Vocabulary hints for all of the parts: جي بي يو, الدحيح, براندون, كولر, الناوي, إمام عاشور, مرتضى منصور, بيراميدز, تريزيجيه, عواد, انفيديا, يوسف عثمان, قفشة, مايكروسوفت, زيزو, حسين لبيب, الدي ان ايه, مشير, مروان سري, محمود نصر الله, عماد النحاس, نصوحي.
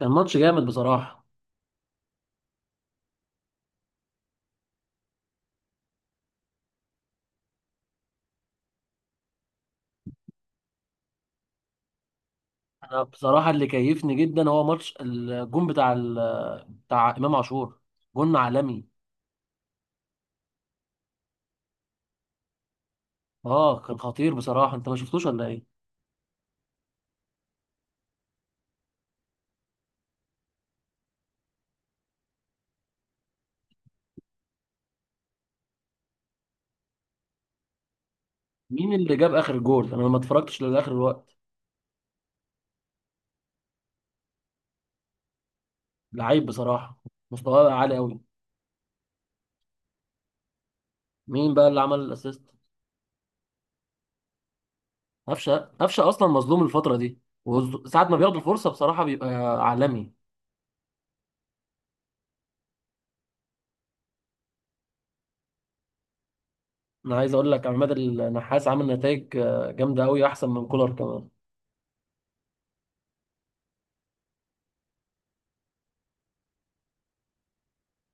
كان ماتش جامد بصراحة. أنا بصراحة اللي كيفني جدا هو ماتش الجون بتاع بتاع إمام عاشور. جون عالمي. اه، كان خطير بصراحة، أنت ما شفتوش ولا إيه؟ مين اللي جاب آخر جول؟ أنا ما اتفرجتش لآخر الوقت. لعيب بصراحة، مستواه عالي أوي. مين بقى اللي عمل الأسيست؟ قفشة قفشة أصلا مظلوم الفترة دي، وساعة ما بياخد الفرصة بصراحة بيبقى عالمي. أنا عايز أقول لك عماد النحاس عامل نتائج جامدة أوي، أحسن من كولر كمان.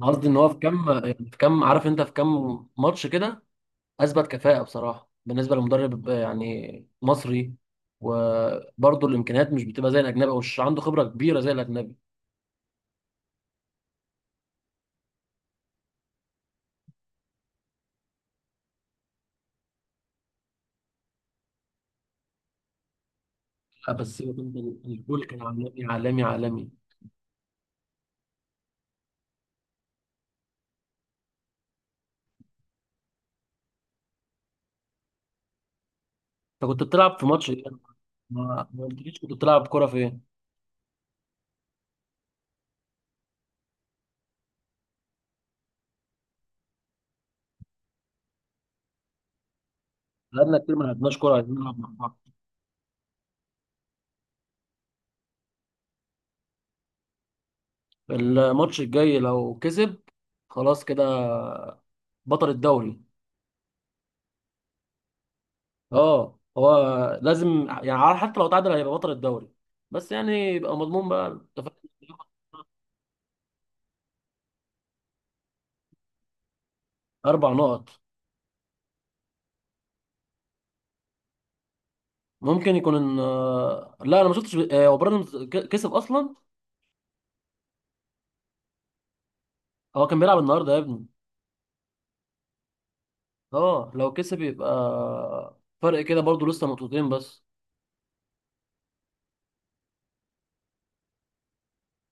قصدي إن هو في كام، يعني في كام، عارف أنت، في كام ماتش كده اثبت كفاءه بصراحه، بالنسبه لمدرب يعني مصري، وبرضه الامكانيات مش بتبقى زي الاجنبي، او مش عنده خبره كبيره زي الاجنبي. لا، بس الجول كان عالمي عالمي عالمي. انت كنت بتلعب في ماتش ايه؟ ما قلتليش كنت بتلعب كوره في ايه؟ بقالنا كتير ما لعبناش كوره، عايزين نلعب مع بعض. الماتش الجاي لو كسب، خلاص كده بطل الدوري. اه هو، لازم يعني عارف، حتى لو تعادل هيبقى بطل الدوري، بس يعني يبقى مضمون بقى، أنت فاهم؟ اربع نقط. ممكن يكون ان لا انا ما شفتش، هو براندون كسب اصلا؟ هو كان بيلعب النهارده يا ابني؟ اه لو كسب يبقى فرق كده، برضو لسه نقطتين بس.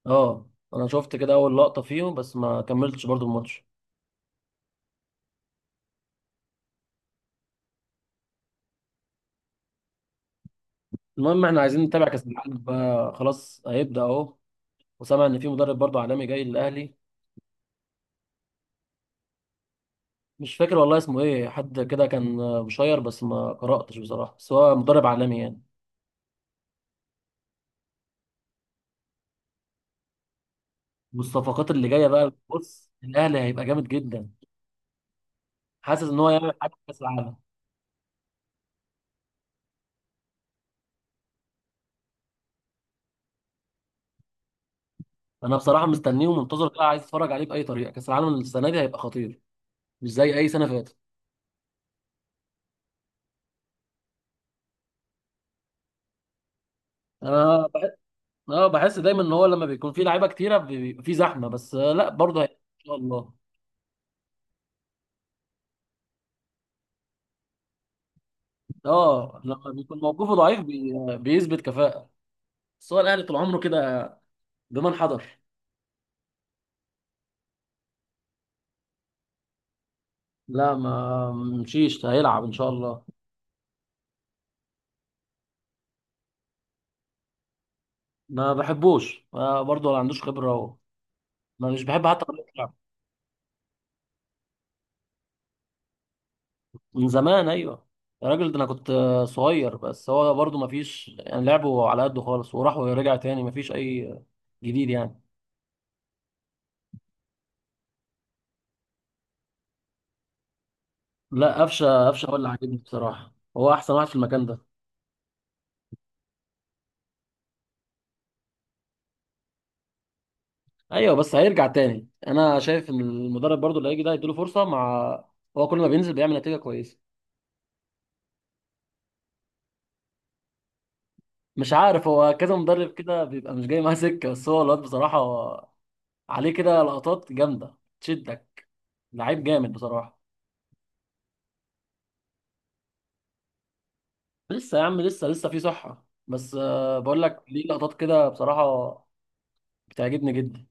اه انا شفت كده اول لقطه فيهم، بس ما كملتش برضو الماتش. المهم احنا عايزين نتابع كاس العالم بقى، خلاص هيبدا اهو. وسامع ان في مدرب برضو عالمي جاي للاهلي. مش فاكر والله اسمه ايه، حد كده كان مشير، بس ما قراتش بصراحه، بس هو مدرب عالمي يعني. والصفقات اللي جايه بقى، بص الاهلي هيبقى جامد جدا. حاسس ان هو يعمل حاجه في كاس العالم. انا بصراحه مستنيه ومنتظر بقى، عايز اتفرج عليه باي طريقه. كاس العالم السنه دي هيبقى خطير، مش زي اي سنه فاتت. انا اه، بحس دايما ان هو لما بيكون فيه لعيبه كتيره بيبقى فيه زحمه، بس لا برضه ان شاء الله. اه لما بيكون موقفه ضعيف بيثبت كفاءه. بس هو الاهلي طول عمره كده، بمن حضر. لا ما مشيش، هيلعب ان شاء الله. ما بحبوش، برضه ما عندوش خبره ما مش بحب حتى. من زمان، ايوه. يا راجل، ده انا كنت صغير، بس هو برضه ما فيش يعني لعبه على قده خالص، وراح ورجع تاني ما فيش اي جديد يعني. لا، قفشه قفشه هو اللي عاجبني بصراحه، هو احسن واحد في المكان ده. ايوه بس هيرجع تاني، انا شايف ان المدرب برضه اللي هيجي ده هيديله فرصه مع هو كل ما بينزل بيعمل نتيجه كويسه. مش عارف، هو كذا مدرب كده بيبقى مش جاي معاه سكه، بس هو الواد بصراحه عليه كده لقطات جامده تشدك. لعيب جامد بصراحه. لسه يا عم، لسه لسه في صحة، بس بقول لك ليه، لقطات كده بصراحة بتعجبني جدا.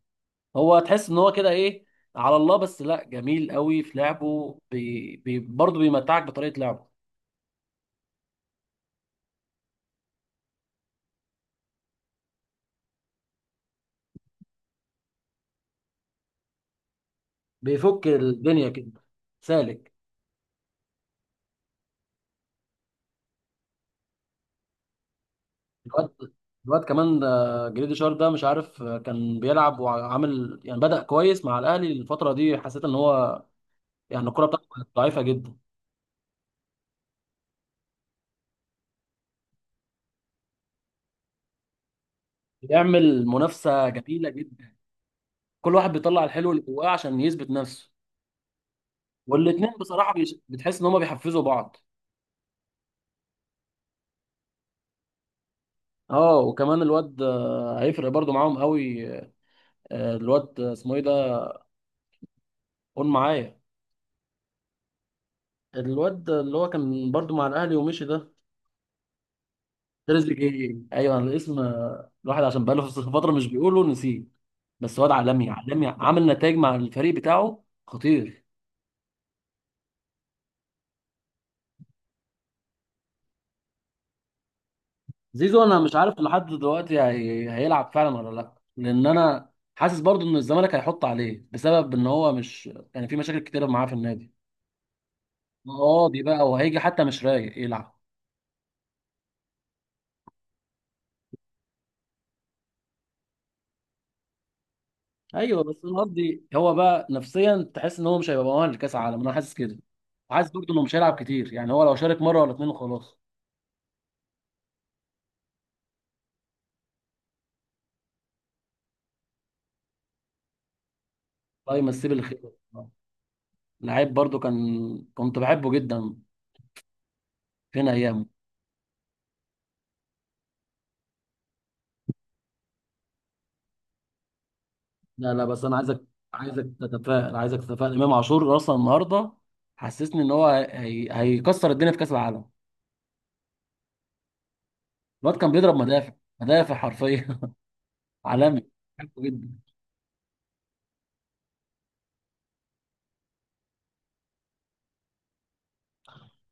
هو تحس ان هو كده ايه، على الله. بس لا، جميل قوي في لعبه، بي بي برضه بيمتعك بطريقة لعبه. بيفك الدنيا كده سالك. الواد الواد كمان جريدي شار ده، مش عارف كان بيلعب وعامل يعني، بدأ كويس مع الأهلي الفترة دي. حسيت ان هو يعني الكرة بتاعته كانت ضعيفة جدا. بيعمل منافسة جميلة جدا، كل واحد بيطلع الحلو اللي جواه عشان يثبت نفسه. والاتنين بصراحة بتحس ان هما بيحفزوا بعض. اه وكمان الواد هيفرق برضو معاهم قوي. الواد اسمه ايه ده، قول معايا. الواد اللي هو كان برضو مع الاهلي ومشي ده، تريزيجيه، ايوه الاسم. الواحد عشان بقاله في فترة مش بيقوله نسيه. بس واد عالمي عالمي، عامل نتائج مع الفريق بتاعه خطير. زيزو، انا مش عارف لحد دلوقتي هيلعب فعلا ولا لا، لان انا حاسس برضو ان الزمالك هيحط عليه بسبب ان هو مش كان يعني في مشاكل كتيرة معاه في النادي، مقاضي بقى، وهيجي حتى مش رايق يلعب. ايوه بس انا قصدي هو بقى نفسيا، تحس ان هو مش هيبقى مؤهل لكاس العالم، انا حاسس كده. وحاسس برضه انه مش هيلعب كتير، يعني هو لو شارك مره ولا اتنين وخلاص. الله يمسيه بالخير. لعيب برضه كان، كنت بحبه جدا، فين ايامه. لا لا، بس انا عايزك تتفائل، عايزك تتفائل. امام عاشور اصلا النهارده حسسني ان هو هيكسر الدنيا في كاس العالم. الواد كان بيضرب مدافع مدافع حرفيا. عالمي. بحبه جدا.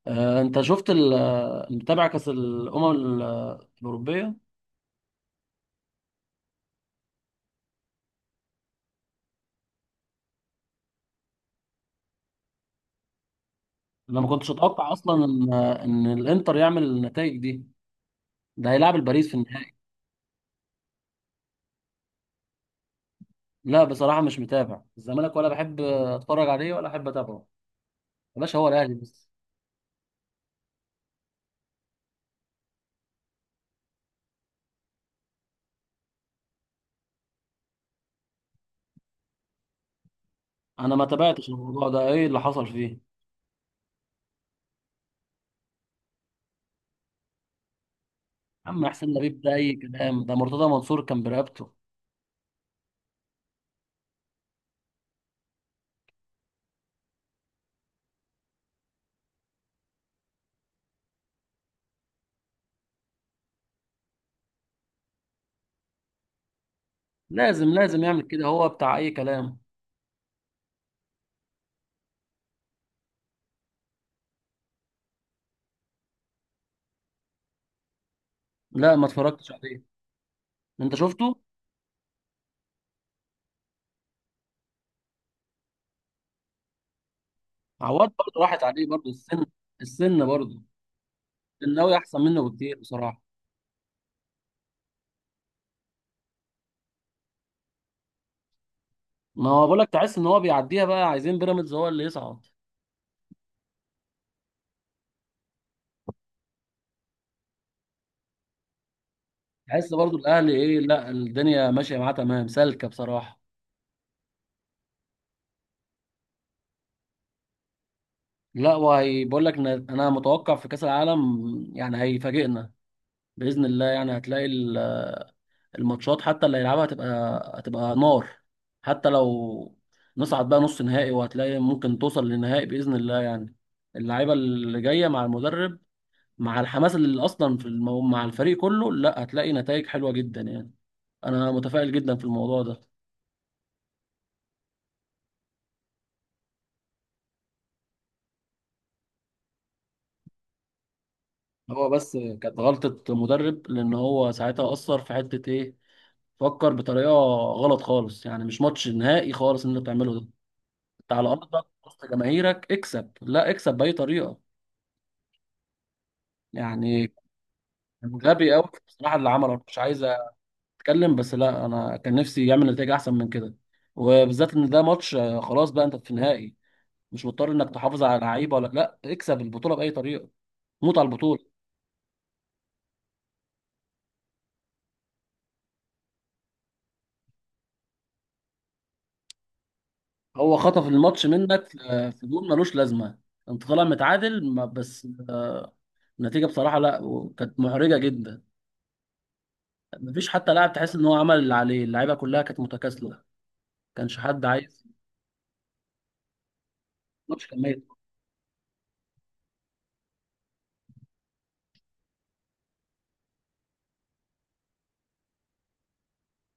انت شفت متابع كاس الامم الاوروبيه؟ انا ما كنتش اتوقع اصلا ان ان الانتر يعمل النتائج دي. ده هيلاعب الباريس في النهائي. لا بصراحه مش متابع الزمالك، ولا بحب اتفرج عليه ولا احب اتابعه. يا باشا، هو الاهلي بس. انا ما تابعتش الموضوع ده، ايه اللي حصل فيه؟ يا عم حسين لبيب ده اي كلام، ده مرتضى منصور كان برقبته. لازم لازم يعمل كده، هو بتاع اي كلام. لا ما اتفرجتش عليه. انت شفته؟ عواد برضه راحت عليه برضه السن، السن برضه. الناوي احسن منه بكتير بصراحه. ما هو بقول لك، تحس ان هو بيعديها بقى، عايزين بيراميدز هو اللي يصعد. تحس برضو الاهلي ايه، لا الدنيا ماشيه معاه تمام، سالكه بصراحه. لا وهي بقول لك إن انا متوقع في كاس العالم يعني هيفاجئنا، باذن الله. يعني هتلاقي الماتشات حتى اللي هيلعبها هتبقى نار. حتى لو نصعد بقى نص نهائي، وهتلاقي ممكن توصل للنهائي باذن الله يعني. اللعيبه اللي جايه مع المدرب، مع الحماس اللي اصلا في مع الفريق كله، لا هتلاقي نتائج حلوه جدا يعني. انا متفائل جدا في الموضوع ده. هو بس كانت غلطة مدرب، لان هو ساعتها اثر في حتة ايه، فكر بطريقة غلط خالص يعني. مش ماتش نهائي خالص اللي انت بتعمله ده. انت على ارضك وسط جماهيرك، اكسب، لا اكسب بأي طريقة يعني. كان غبي قوي بصراحة اللي عمله. مش عايز اتكلم، بس لا انا كان نفسي يعمل نتيجة احسن من كده، وبالذات ان ده ماتش. خلاص بقى انت في النهائي، مش مضطر انك تحافظ على لعيبة، ولا لا اكسب البطولة بأي طريقة. موت على البطولة. هو خطف الماتش منك في جول ملوش لازمه. انت طالع متعادل بس النتيجه بصراحه لا، كانت محرجه جدا. مفيش حتى لاعب تحس ان هو عمل اللي عليه، اللعيبه كلها كانت متكاسله، ما كانش حد عايز. الماتش كان ميت.